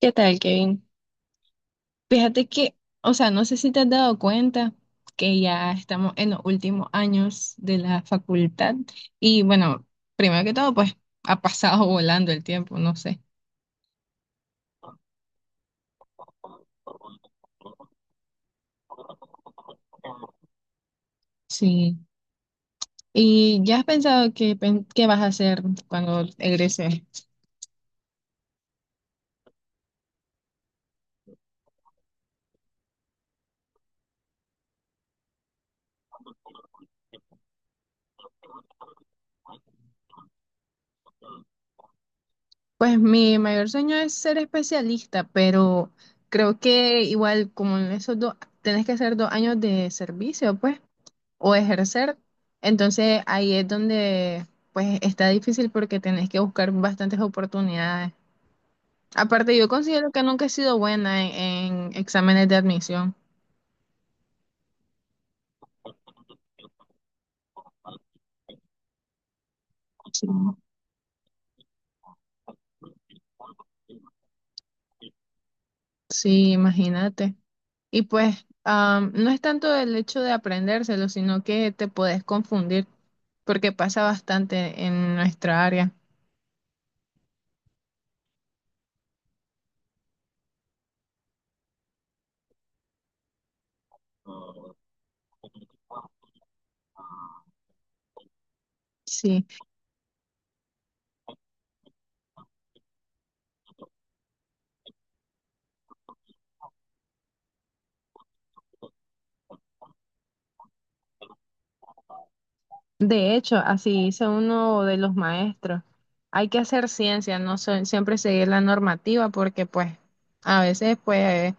¿Qué tal, Kevin? Fíjate que, o sea, no sé si te has dado cuenta que ya estamos en los últimos años de la facultad y bueno, primero que todo, pues ha pasado volando el tiempo, no sé. Sí. ¿Y ya has pensado qué vas a hacer cuando egreses? Pues mi mayor sueño es ser especialista, pero creo que igual como en esos dos, tenés que hacer 2 años de servicio, pues, o ejercer. Entonces ahí es donde pues está difícil porque tenés que buscar bastantes oportunidades. Aparte, yo considero que nunca he sido buena en exámenes de admisión. Sí, sí, imagínate. Y pues no es tanto el hecho de aprendérselo, sino que te puedes confundir porque pasa bastante en nuestra área. Sí. De hecho, así dice uno de los maestros, hay que hacer ciencia, no siempre seguir la normativa porque pues a veces pues,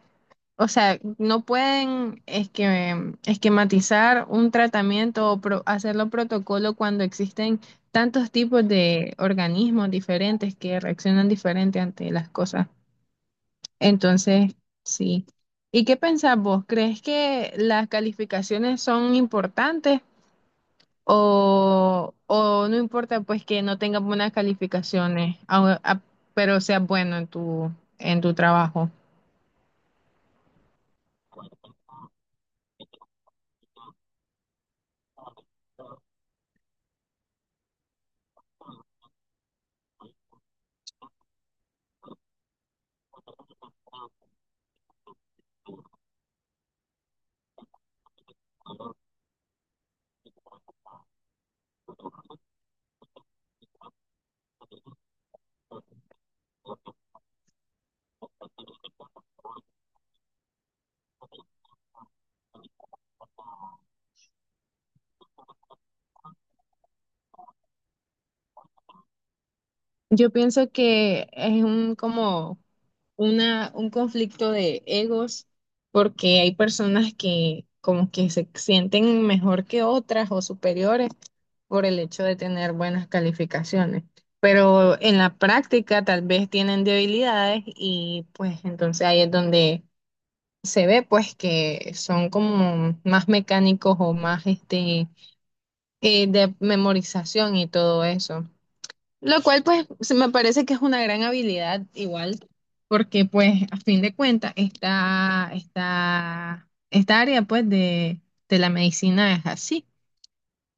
o sea, no pueden esquematizar un tratamiento o hacerlo protocolo cuando existen tantos tipos de organismos diferentes que reaccionan diferente ante las cosas. Entonces, sí. ¿Y qué pensás vos? ¿Crees que las calificaciones son importantes? O no importa pues que no tengas buenas calificaciones, pero seas bueno en tu trabajo. Yo pienso que es un conflicto de egos porque hay personas que como que se sienten mejor que otras o superiores por el hecho de tener buenas calificaciones. Pero en la práctica tal vez tienen debilidades y pues entonces ahí es donde se ve pues que son como más mecánicos o más de memorización y todo eso. Lo cual pues se me parece que es una gran habilidad igual, porque pues a fin de cuentas esta área pues de la medicina es así.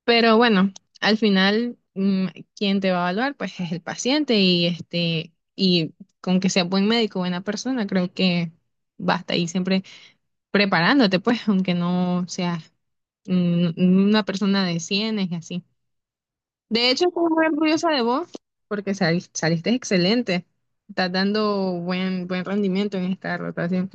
Pero bueno, al final quien te va a evaluar pues es el paciente y con que sea buen médico, buena persona, creo que basta y siempre preparándote, pues, aunque no seas una persona de cienes y así. De hecho, estoy muy orgullosa de vos porque saliste excelente. Estás dando buen rendimiento en esta rotación.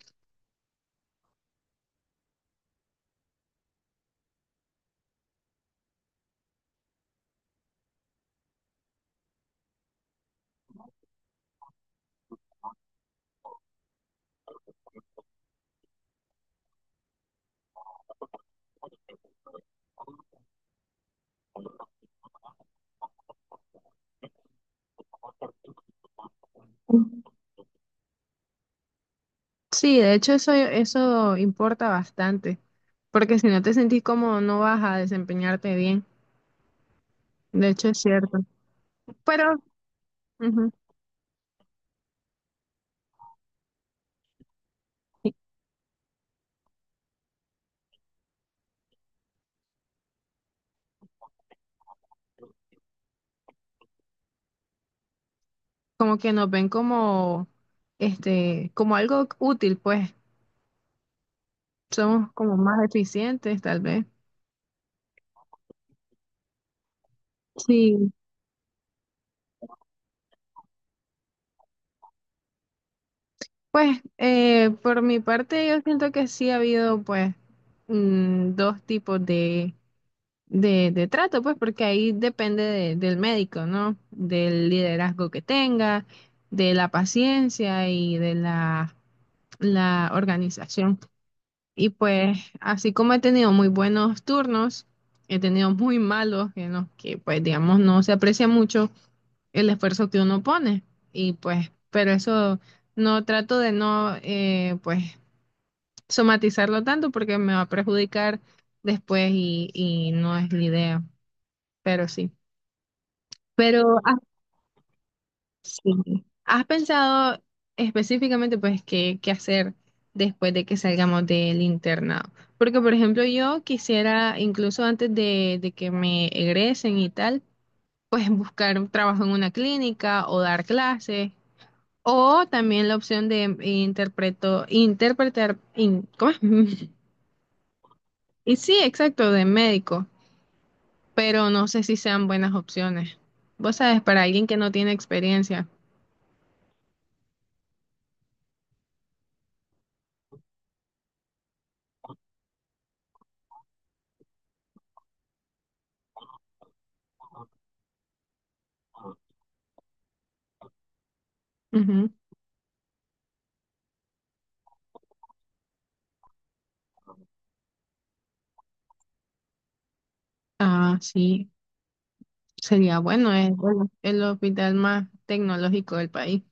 Sí, de hecho eso importa bastante, porque si no te sentís cómodo no vas a desempeñarte bien. De hecho es cierto. Pero ujú, como que nos ven como algo útil, pues somos como más eficientes tal vez. Sí. Pues por mi parte yo siento que sí ha habido pues dos tipos de trato, pues porque ahí depende del médico, ¿no? Del liderazgo que tenga, de la paciencia y de la organización. Y pues así como he tenido muy buenos turnos, he tenido muy malos en los que pues digamos no se aprecia mucho el esfuerzo que uno pone. Y pues, pero eso. No trato de no, pues, somatizarlo tanto porque me va a perjudicar después y no es la idea, pero sí. Pero sí. ¿Has pensado específicamente pues qué hacer después de que salgamos del internado? Porque por ejemplo yo quisiera incluso antes de que me egresen y tal, pues buscar un trabajo en una clínica o dar clases. O también la opción de interpretar, ¿cómo es? Y sí, exacto, de médico, pero no sé si sean buenas opciones. Vos sabes, para alguien que no tiene experiencia. Ujú. Ah, sí, sería bueno, es bueno, el hospital más tecnológico del país.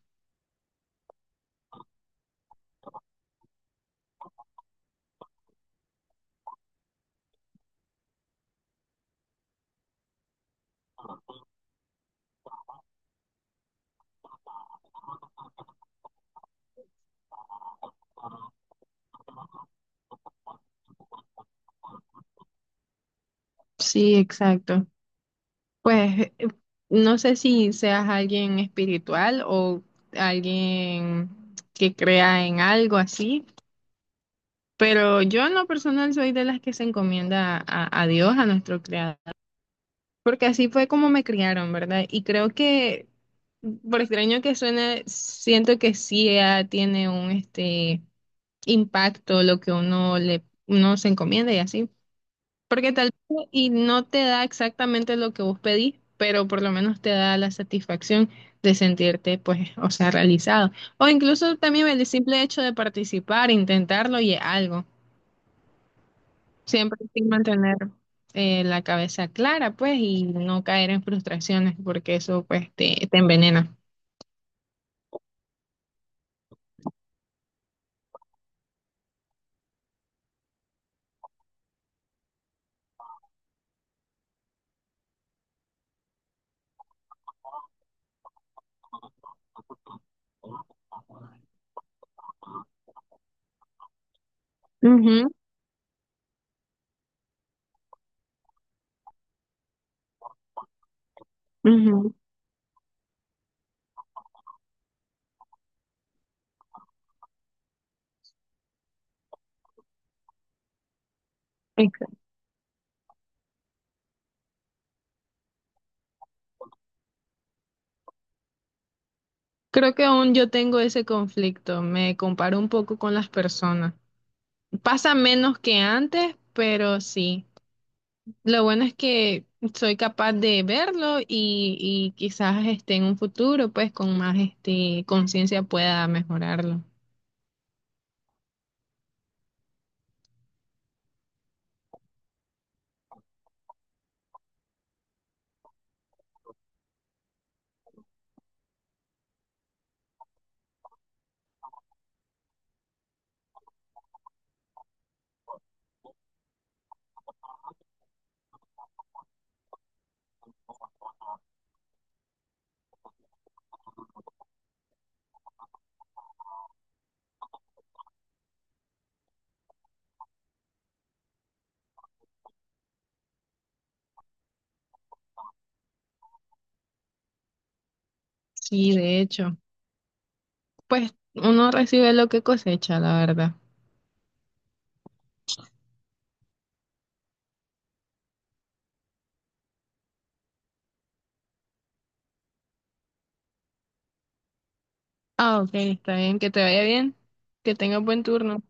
Sí, exacto. Pues no sé si seas alguien espiritual o alguien que crea en algo así, pero yo en lo personal soy de las que se encomienda a Dios, a nuestro creador. Porque así fue como me criaron, ¿verdad? Y creo que, por extraño que suene, siento que sí tiene un impacto lo que uno se encomienda y así. Porque tal vez y no te da exactamente lo que vos pedís, pero por lo menos te da la satisfacción de sentirte, pues, o sea, realizado. O incluso también el simple hecho de participar, intentarlo y es algo. Siempre hay que mantener la cabeza clara, pues, y no caer en frustraciones, porque eso, pues, te envenena. Ujú, ujú, exacto. Creo que aún yo tengo ese conflicto, me comparo un poco con las personas. Pasa menos que antes, pero sí. Lo bueno es que soy capaz de verlo y quizás en un futuro, pues, con más conciencia pueda mejorarlo. Sí, de hecho, pues uno recibe lo que cosecha, la verdad. Ah, ok, está bien, que te vaya bien, que tengas buen turno.